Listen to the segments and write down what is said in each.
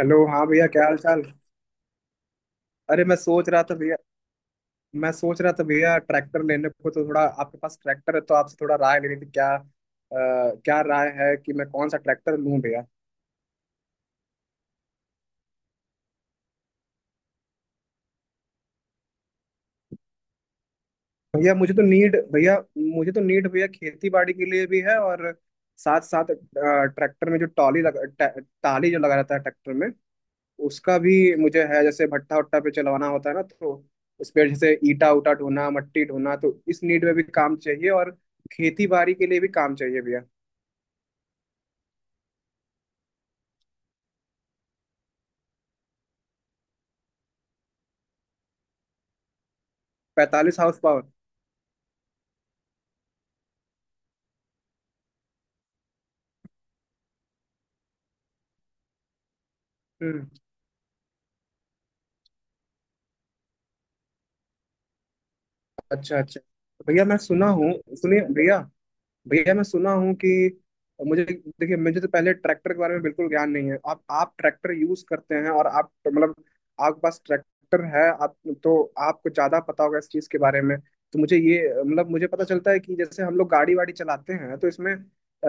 Hello, हाँ भैया, क्या हाल चाल। अरे, मैं सोच रहा था भैया, ट्रैक्टर लेने को, तो थोड़ा आपके पास ट्रैक्टर है तो आपसे थोड़ा राय लेनी थी क्या। क्या राय है कि मैं कौन सा ट्रैक्टर लूं भैया। भैया मुझे तो नीड भैया खेती बाड़ी के लिए भी है, और साथ साथ ट्रैक्टर में जो टॉली लगा टाली जो लगा रहता है ट्रैक्टर में, उसका भी मुझे है। जैसे भट्टा वट्टा पे चलवाना होता है ना, तो उस पे जैसे ईटा उटा ढोना, मट्टी ढोना, तो इस नीड में भी काम चाहिए, और खेती बाड़ी के लिए भी काम चाहिए भैया। 45 हाउस पावर? हम्म। अच्छा, अच्छा। तो भैया मैं सुना हूँ, सुनिए भैया। भैया मैं सुना हूँ कि, मुझे देखिए, मुझे तो पहले ट्रैक्टर के बारे में बिल्कुल ज्ञान नहीं है। आप ट्रैक्टर यूज करते हैं और आप, मतलब आपके पास ट्रैक्टर है आप, तो आपको ज्यादा पता होगा इस चीज के बारे में। तो मुझे ये मतलब मुझे पता चलता है कि जैसे हम लोग गाड़ी वाड़ी चलाते हैं तो इसमें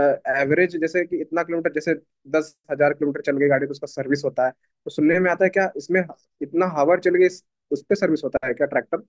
एवरेज, जैसे कि इतना किलोमीटर, जैसे 10,000 किलोमीटर चल गई गाड़ी तो उसका सर्विस होता है, तो सुनने में आता है क्या इसमें इतना हावर चल गई उस पर सर्विस होता है क्या ट्रैक्टर?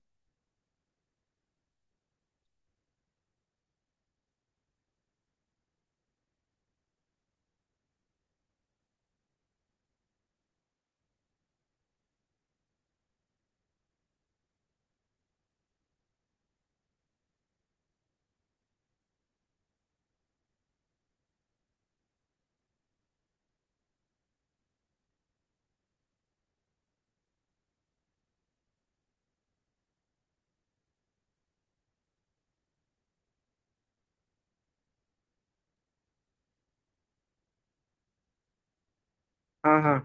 हाँ, हाँ।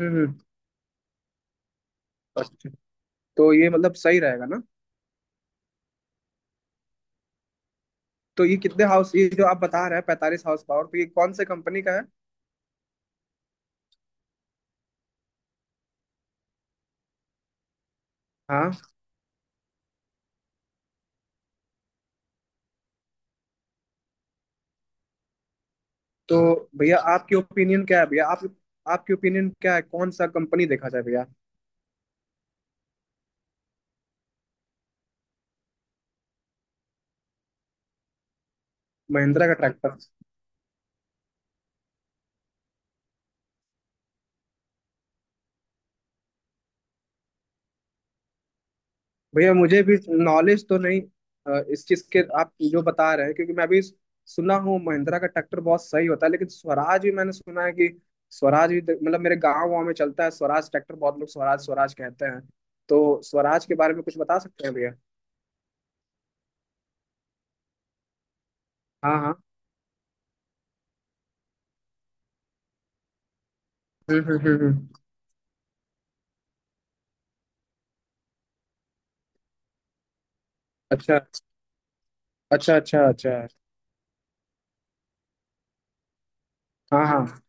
हम्म, अच्छा, तो ये मतलब सही रहेगा ना। तो ये कितने हाउस ये जो आप बता रहे हैं 45 हाउस पावर, तो ये कौन से कंपनी का है? हाँ। तो भैया आपकी ओपिनियन क्या है, कौन सा कंपनी देखा जाए भैया? महिंद्रा का ट्रैक्टर। भैया मुझे भी नॉलेज तो नहीं इस चीज के, आप जो बता रहे हैं। क्योंकि मैं भी सुना हूँ महिंद्रा का ट्रैक्टर बहुत सही होता है, लेकिन स्वराज भी मैंने सुना है कि, स्वराज भी मतलब मेरे गाँव वाँव में चलता है स्वराज ट्रैक्टर, बहुत लोग स्वराज स्वराज कहते हैं, तो स्वराज के बारे में कुछ बता सकते हैं भैया? हाँ, हाँ। हम्म, हम्म, हम्म, अच्छा, अच्छा, अच्छा। अच्छा। हाँ, हाँ।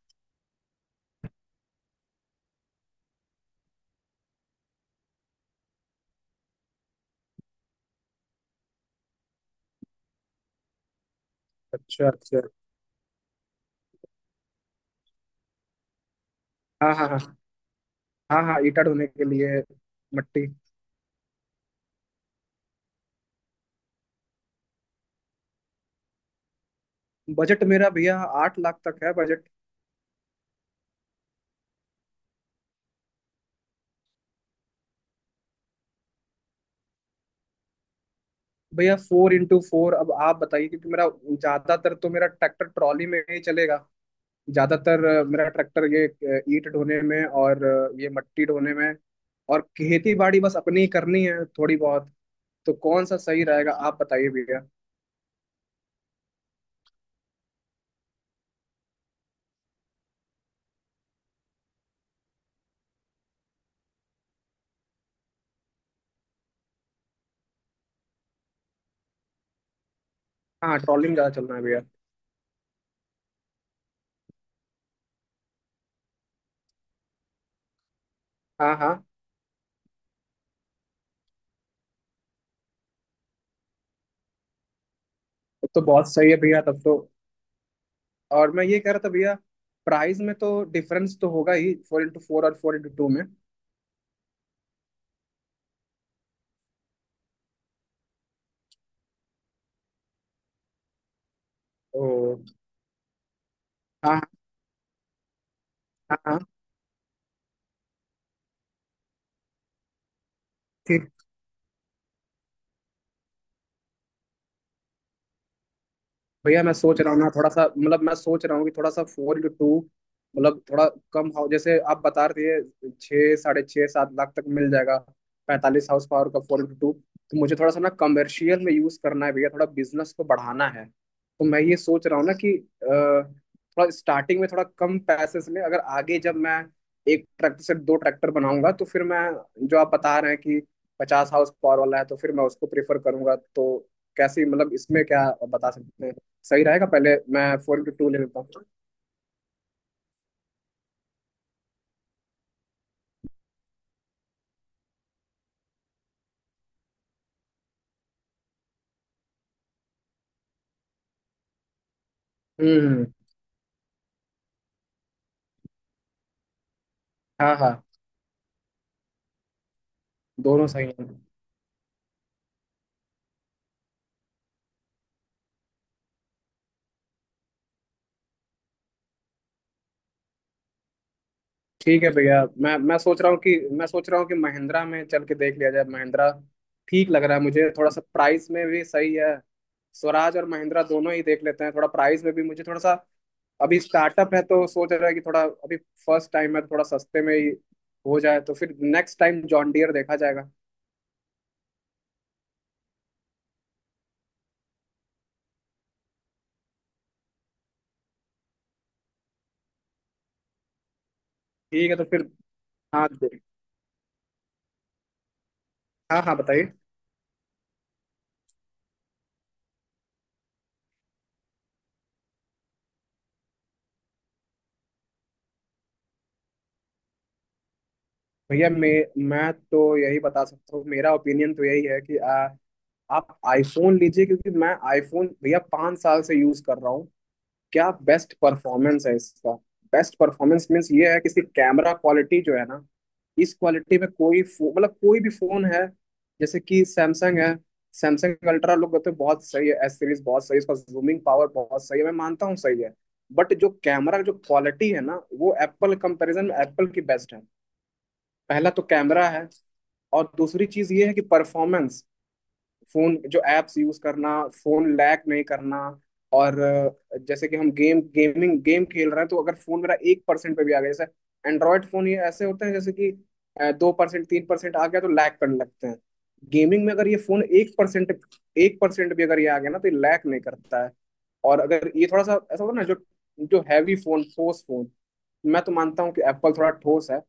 अच्छा, अच्छा। हाँ, हाँ, हाँ। हाँ, हाँ ईटा ढोने के लिए, मट्टी। बजट मेरा भैया 8 लाख तक है बजट। भैया 4x4, अब आप बताइए, क्योंकि मेरा, ज्यादातर तो मेरा ट्रैक्टर ट्रॉली में ही चलेगा ज्यादातर। मेरा ट्रैक्टर ये ईंट ढोने में, और ये मट्टी ढोने में, और खेती बाड़ी बस अपनी ही करनी है थोड़ी बहुत, तो कौन सा सही रहेगा आप बताइए भैया? हाँ, ट्रॉली में ज्यादा चलना है भैया। हाँ, हाँ, तब तो बहुत सही है भैया, तब तो। और मैं ये कह रहा था भैया, प्राइस में तो डिफरेंस तो होगा ही 4x4 और 4x2 में। ओ। हाँ, हाँ, हाँ। थ्री। भैया मैं सोच रहा हूँ कि थोड़ा सा 4x2, मतलब थोड़ा कम हाउ, जैसे आप बता रहे थे 6, 6.5, 7 लाख तक मिल जाएगा 45 हाउस पावर का 4x2। तो मुझे थोड़ा सा ना कमर्शियल में यूज़ करना है भैया, थोड़ा बिजनेस को बढ़ाना है, तो मैं ये सोच रहा हूँ ना कि अ, थोड़ा स्टार्टिंग में थोड़ा कम पैसे में, अगर आगे जब मैं एक ट्रैक्टर से दो ट्रैक्टर बनाऊंगा, तो फिर मैं, जो आप बता रहे हैं कि 50 हाउस पावर वाला है, तो फिर मैं उसको प्रेफर करूंगा। तो कैसी, मतलब इसमें क्या बता सकते हैं, सही रहेगा पहले मैं 4x2 ले लेता हूँ? हम्म। हाँ, हाँ। दोनों सही हैं। ठीक है भैया, मैं सोच रहा हूँ कि, महिंद्रा में चल के देख लिया जाए। महिंद्रा ठीक लग रहा है मुझे, थोड़ा सा प्राइस में भी सही है। स्वराज और महिंद्रा दोनों ही देख लेते हैं, थोड़ा प्राइस में भी मुझे थोड़ा सा। अभी स्टार्टअप है तो सोच रहा है कि थोड़ा अभी फर्स्ट टाइम है, तो थोड़ा सस्ते में ही हो जाए, तो फिर नेक्स्ट टाइम जॉन डियर देखा जाएगा। ठीक है, तो फिर। हाँ, हाँ, हाँ बताइए। भैया मैं तो यही बता सकता हूँ, मेरा ओपिनियन तो यही है कि, आप आईफोन लीजिए, क्योंकि मैं आईफोन भैया 5 साल से यूज कर रहा हूँ। क्या बेस्ट परफॉर्मेंस है इसका। बेस्ट परफॉर्मेंस मीन्स ये है कि इसकी कैमरा क्वालिटी जो है ना, इस क्वालिटी में कोई मतलब कोई भी फोन है, जैसे कि सैमसंग है, सैमसंग अल्ट्रा लोग कहते हैं बहुत सही है, एस सीरीज बहुत सही है, इसका जूमिंग पावर बहुत सही है, मैं मानता हूँ सही है, बट जो कैमरा जो क्वालिटी है ना, वो एप्पल, कंपैरिजन में एप्पल की बेस्ट है। पहला तो कैमरा है, और दूसरी चीज ये है कि परफॉर्मेंस। फोन जो एप्स यूज करना, फोन लैग नहीं करना, और जैसे कि हम गेम खेल रहे हैं, तो अगर फोन मेरा 1% पे भी आ गया, जैसे एंड्रॉयड फोन ये ऐसे होते हैं जैसे कि 2%, 3% आ गया तो लैग करने लगते हैं। गेमिंग में अगर ये फोन 1% भी अगर ये आ गया ना, तो ये लैग नहीं करता है। और अगर ये थोड़ा सा ऐसा होता है ना, जो जो हैवी फोन, ठोस फोन, मैं तो मानता हूँ कि एप्पल थोड़ा ठोस है।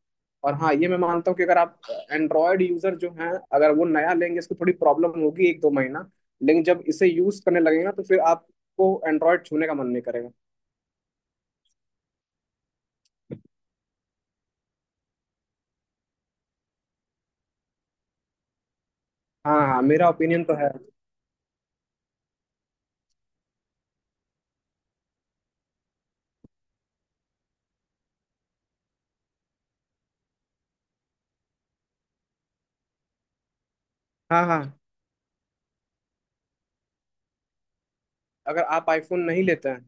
और हाँ, ये मैं मानता हूँ कि अगर आप एंड्रॉयड यूजर जो हैं, अगर वो नया लेंगे इसको थोड़ी प्रॉब्लम होगी एक दो महीना, लेकिन जब इसे यूज करने लगेगा तो फिर आपको एंड्रॉयड छूने का मन नहीं करेगा। हाँ, हाँ, मेरा ओपिनियन तो है। हाँ, हाँ। अगर आप आईफोन नहीं लेते हैं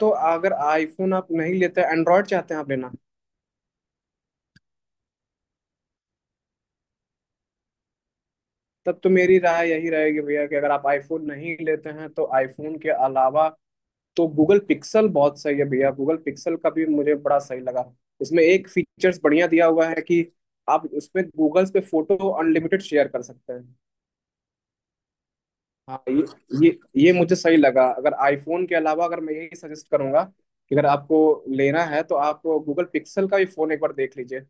तो, अगर आईफोन आप नहीं लेते, एंड्रॉयड चाहते हैं आप लेना। तब तो मेरी राय यही रहेगी भैया कि अगर आप आईफोन नहीं लेते हैं, तो आईफोन के अलावा तो गूगल पिक्सल बहुत सही है भैया। गूगल पिक्सल का भी मुझे बड़ा सही लगा। उसमें एक फीचर्स बढ़िया दिया हुआ है कि आप उसमें गूगल पे फोटो अनलिमिटेड शेयर कर सकते। हाँ, हैं, हाँ। ये ये ये मुझे सही लगा, अगर आईफोन के अलावा, अगर मैं यही सजेस्ट करूंगा कि अगर आपको लेना है तो आप गूगल पिक्सल का भी फोन एक बार देख लीजिए।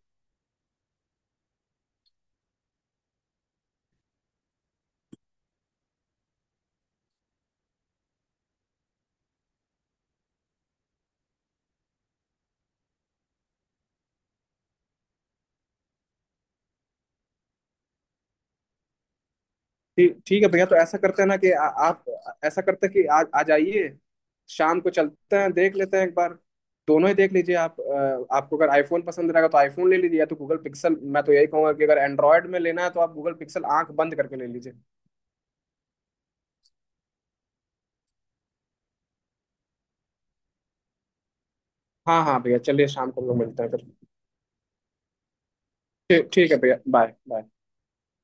ठीक, ठीक है भैया, तो ऐसा करते हैं ना कि आप, ऐसा करते हैं कि आज आ जाइए, शाम को चलते हैं, देख लेते हैं एक बार, दोनों ही देख लीजिए आप। आपको अगर आईफोन पसंद रहेगा तो आईफोन ले लीजिए, या तो गूगल पिक्सल, मैं तो यही कहूंगा कि अगर एंड्रॉयड में लेना है तो आप गूगल पिक्सल आंख बंद करके ले लीजिए। हाँ, हाँ भैया, चलिए शाम को हम लोग मिलते हैं फिर। ठीक, ठीक है भैया, बाय, बाय।